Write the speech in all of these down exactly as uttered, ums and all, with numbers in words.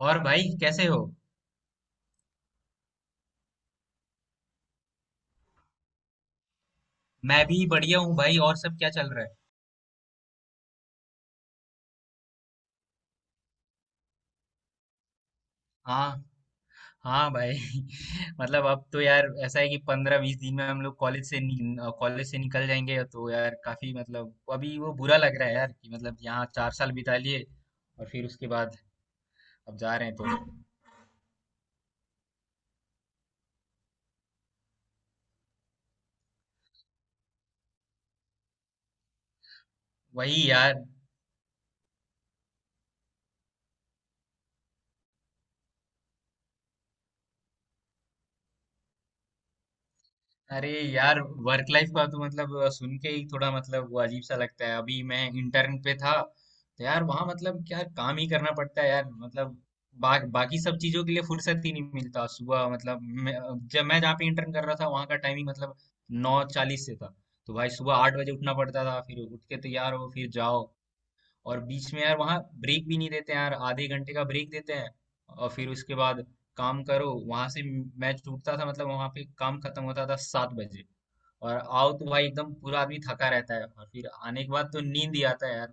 और भाई कैसे हो? मैं भी बढ़िया हूँ भाई। और सब क्या चल रहा है? हाँ हाँ भाई। मतलब अब तो यार ऐसा है कि पंद्रह बीस दिन में हम लोग कॉलेज से कॉलेज से निकल जाएंगे तो यार काफी मतलब अभी वो बुरा लग रहा है यार कि मतलब यहाँ चार साल बिता लिए। और फिर उसके बाद अब जा रहे हैं तो। वही यार। अरे यार, वर्क लाइफ का तो मतलब अ, सुन के ही थोड़ा मतलब वो अजीब सा लगता है। अभी मैं इंटर्न पे था तो यार वहां मतलब क्या काम ही करना पड़ता है यार मतलब। बा, बाकी सब चीजों के लिए फुर्सत ही नहीं मिलता। सुबह मतलब मैं, जब मैं जहाँ पे इंटर्न कर रहा था वहां का टाइमिंग मतलब नौ चालीस से था। तो भाई सुबह आठ बजे उठना पड़ता था, फिर उठ के तैयार हो फिर जाओ। और बीच में यार वहाँ ब्रेक भी नहीं देते यार, आधे घंटे का ब्रेक देते हैं। और फिर उसके बाद काम करो वहां से। मैच टूटता था मतलब वहां पे काम खत्म होता था सात बजे। और आओ तो भाई एकदम पूरा आदमी थका रहता है, और फिर आने के बाद तो नींद ही आता है यार।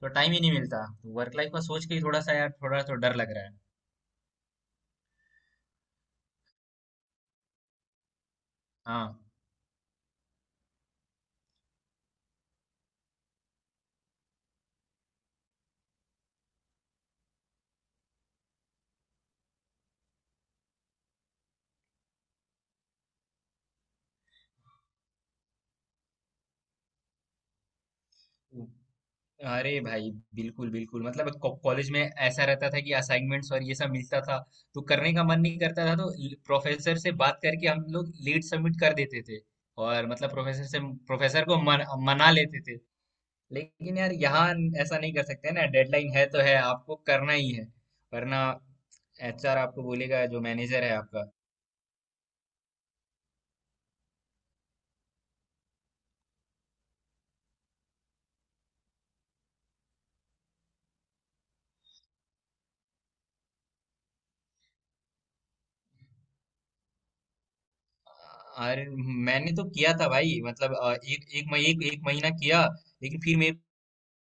तो टाइम ही नहीं मिलता, तो वर्क लाइफ का सोच के ही थोड़ा सा यार थोड़ा तो डर लग रहा है। हाँ। अरे भाई बिल्कुल बिल्कुल, मतलब को- कॉलेज में ऐसा रहता था कि असाइनमेंट्स और ये सब मिलता था। तो करने का मन नहीं करता था तो ल- प्रोफेसर से बात करके हम लोग लेट सबमिट कर देते थे। और मतलब प्रोफेसर से प्रोफेसर को मन, मना लेते थे। लेकिन यार यहाँ ऐसा नहीं कर सकते ना, डेडलाइन है तो है, आपको करना ही है, वरना एचआर आपको बोलेगा, जो मैनेजर है आपका। अरे मैंने तो किया था भाई मतलब अ, एक एक मही- एक, एक महीना किया। लेकिन फिर मेरे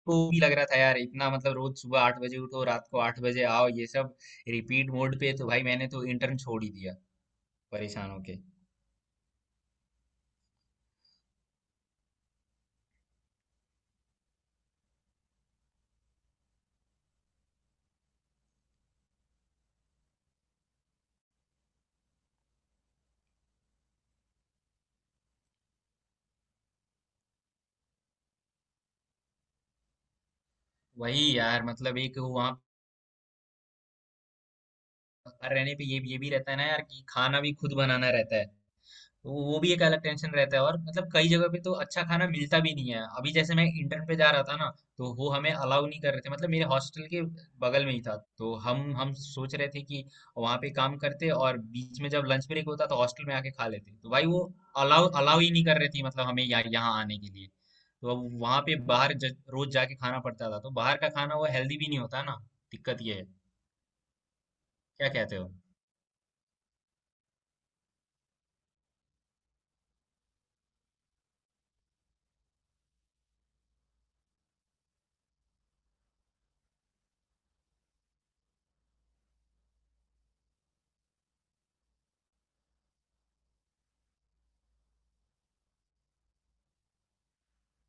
को भी लग रहा था यार, इतना मतलब रोज सुबह आठ बजे उठो रात को आठ बजे आओ ये सब रिपीट मोड पे, तो भाई मैंने तो इंटर्न छोड़ ही दिया, परेशान होके। वही यार। मतलब एक वहाँ पर रहने पे ये ये भी रहता है ना यार कि खाना भी खुद बनाना रहता है। तो वो भी एक अलग टेंशन रहता है, और मतलब कई जगह पे तो अच्छा खाना मिलता भी नहीं है। अभी जैसे मैं इंटर्न पे जा रहा था ना, तो वो हमें अलाउ नहीं कर रहे थे। मतलब मेरे हॉस्टल के बगल में ही था, तो हम हम सोच रहे थे कि वहाँ पे काम करते और बीच में जब लंच ब्रेक होता तो हॉस्टल में आके खा लेते। तो भाई वो अलाउ अलाउ ही नहीं कर रही थी मतलब हमें यहाँ यहाँ आने के लिए। तो अब वहाँ पे बाहर ज, रोज जाके खाना पड़ता था, तो बाहर का खाना वो हेल्दी भी नहीं होता ना, दिक्कत ये है। क्या कहते हो?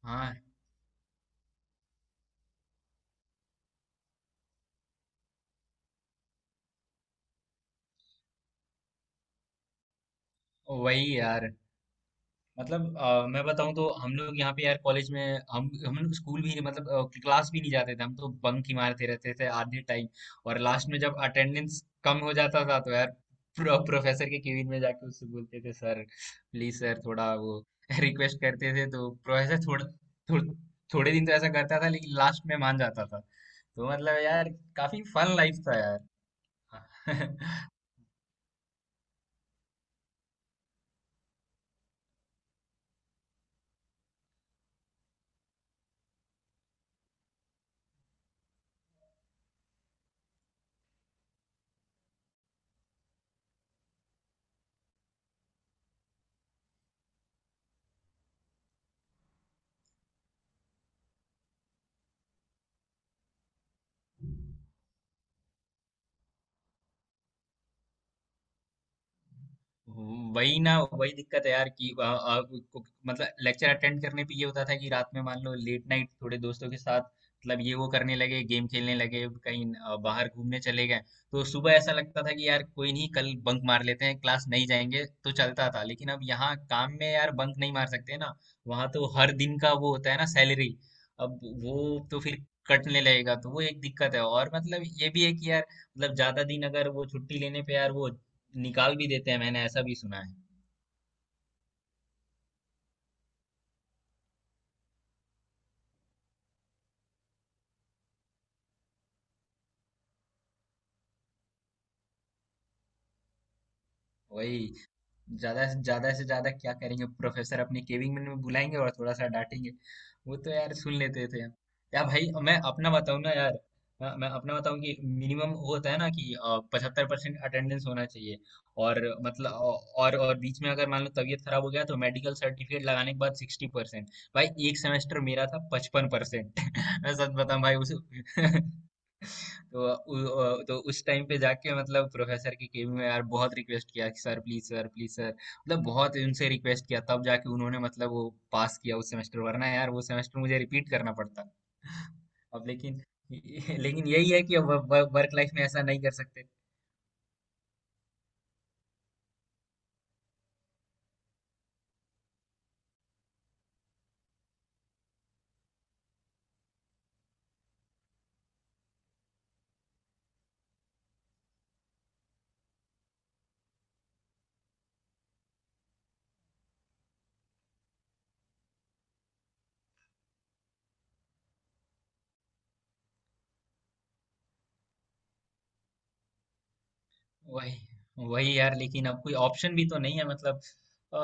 हाँ। वही यार। मतलब अ, मैं बताऊं तो हम लोग यहाँ पे यार कॉलेज में हम हम लोग स्कूल भी मतलब अ, क्लास भी नहीं जाते थे। हम तो बंक ही मारते रहते थे आधे टाइम। और लास्ट में जब अटेंडेंस कम हो जाता था तो यार प्रो, प्रोफेसर के केबिन में जाके उससे बोलते थे, सर प्लीज सर, थोड़ा वो रिक्वेस्ट करते थे। तो प्रोफेसर थोड़ा थो, थोड़े दिन तो ऐसा करता था, लेकिन लास्ट में मान जाता था। तो मतलब यार काफी फन लाइफ था यार। वही ना, वही दिक्कत है यार कि आ, आ, को- मतलब लेक्चर अटेंड करने पे ये होता था कि रात में मान लो लेट नाइट थोड़े दोस्तों के साथ मतलब ये वो करने लगे, गेम खेलने लगे, कहीं आ, बाहर घूमने चले गए। तो सुबह ऐसा लगता था कि यार कोई नहीं, कल बंक मार लेते हैं, क्लास नहीं जाएंगे, तो चलता था। लेकिन अब यहाँ काम में यार बंक नहीं मार सकते ना। वहां तो हर दिन का वो होता है ना, सैलरी अब वो तो फिर कटने लगेगा, तो वो एक दिक्कत है। और मतलब ये भी है कि यार, मतलब ज्यादा दिन अगर वो छुट्टी लेने पे यार वो निकाल भी देते हैं, मैंने ऐसा भी सुना है। वही। ज्यादा से ज्यादा से ज्यादा क्या करेंगे? प्रोफेसर अपने केबिन में बुलाएंगे और थोड़ा सा डांटेंगे। वो तो यार सुन लेते थे। या भाई मैं अपना बताऊं ना यार। मैं मैं अपना बताऊं कि मिनिमम होता है ना कि पचहत्तर परसेंट अटेंडेंस होना चाहिए। और मतलब और और बीच में अगर मान लो तबीयत खराब हो गया तो मेडिकल सर्टिफिकेट लगाने के बाद सिक्सटी परसेंट। भाई एक सेमेस्टर मेरा था पचपन परसेंट। मैं सच बताऊं भाई उस तो उ, अ, तो उस टाइम पे जाके मतलब प्रोफेसर की केबिन में यार बहुत रिक्वेस्ट किया कि sir please sir please sir, मतलब बहुत उनसे रिक्वेस्ट किया, तब जाके उन्होंने मतलब वो पास किया उस सेमेस्टर। वरना यार वो सेमेस्टर मुझे रिपीट करना पड़ता। अब लेकिन लेकिन यही है कि अब वर्क लाइफ में ऐसा नहीं कर सकते। वही। वही यार, लेकिन अब कोई ऑप्शन भी तो नहीं है। मतलब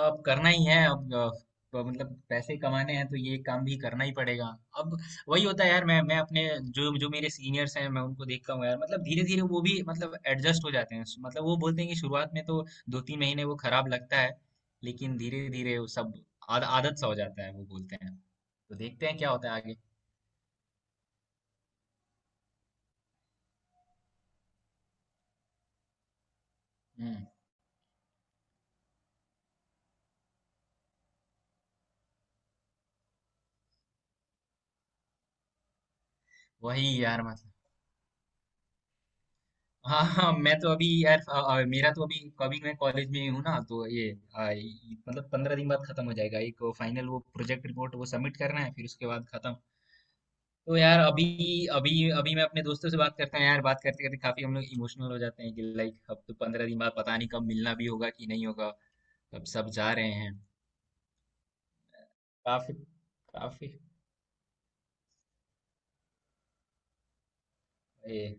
अब करना ही है अब। अ, तो मतलब पैसे कमाने हैं तो ये काम भी करना ही पड़ेगा अब। वही होता है यार। मैं मैं अपने, जो जो मेरे सीनियर्स हैं मैं उनको देखता हूँ यार, मतलब धीरे धीरे वो भी मतलब एडजस्ट हो जाते हैं। मतलब वो बोलते हैं कि शुरुआत में तो दो तीन महीने वो खराब लगता है, लेकिन धीरे धीरे वो सब आद, आदत सा हो जाता है, वो बोलते हैं। तो देखते हैं क्या होता है आगे। हम्म। वही यार मतलब। हाँ हाँ मैं तो अभी यार अ, अ, मेरा तो अभी, अभी मैं कॉलेज में ही हूँ ना, तो ये अ, ये- मतलब पंद्रह दिन बाद खत्म हो जाएगा, एक फाइनल वो प्रोजेक्ट रिपोर्ट वो सबमिट करना है, फिर उसके बाद खत्म। तो यार अभी अभी अभी मैं अपने दोस्तों से बात करता हूँ यार। बात करते करते काफी हम लोग इमोशनल हो जाते हैं कि लाइक अब तो पंद्रह दिन बाद पता नहीं कब मिलना भी होगा कि नहीं होगा, कब सब जा रहे हैं। काफी काफी ये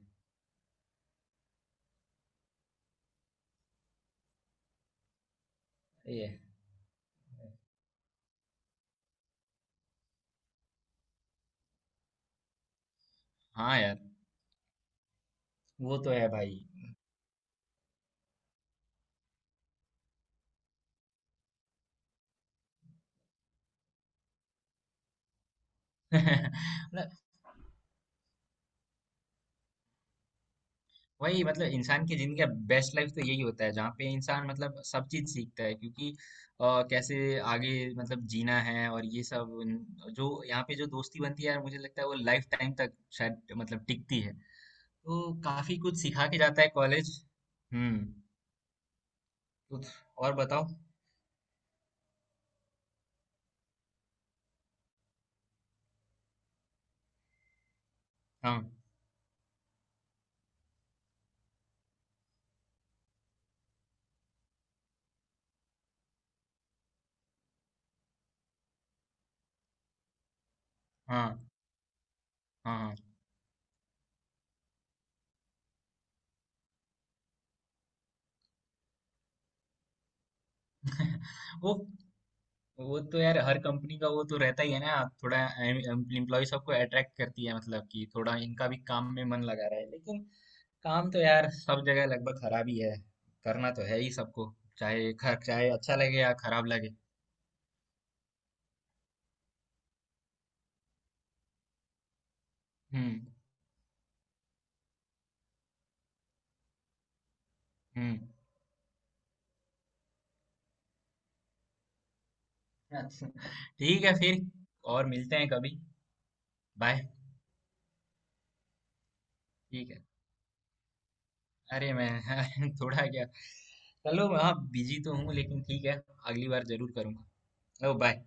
ये हाँ यार वो तो है भाई। ना, वही मतलब इंसान की जिंदगी का बेस्ट लाइफ तो यही होता है, जहाँ पे इंसान मतलब सब चीज सीखता है। क्योंकि अ, कैसे आगे मतलब जीना है और ये सब। न- जो यहाँ पे जो दोस्ती बनती है यार, मुझे लगता है वो लाइफ टाइम तक शायद मतलब टिकती है। तो काफी कुछ सिखा के जाता है कॉलेज। हम्म। कुछ और बताओ। हाँ हाँ हाँ हाँ। वो वो तो यार हर कंपनी का वो तो रहता ही है ना, थोड़ा एम्प्लॉय सबको अट्रैक्ट करती है मतलब कि थोड़ा इनका भी काम में मन लगा रहा है। लेकिन काम तो यार सब जगह लगभग खराब ही है, करना तो है ही सबको, चाहे ख- चाहे अच्छा लगे या खराब लगे। हम्म हम्म। अच्छा, ठीक है फिर। और मिलते हैं कभी। बाय। ठीक है। अरे मैं थोड़ा क्या, चलो हाँ बिजी तो हूँ लेकिन ठीक है, अगली बार जरूर करूंगा। ओ बाय।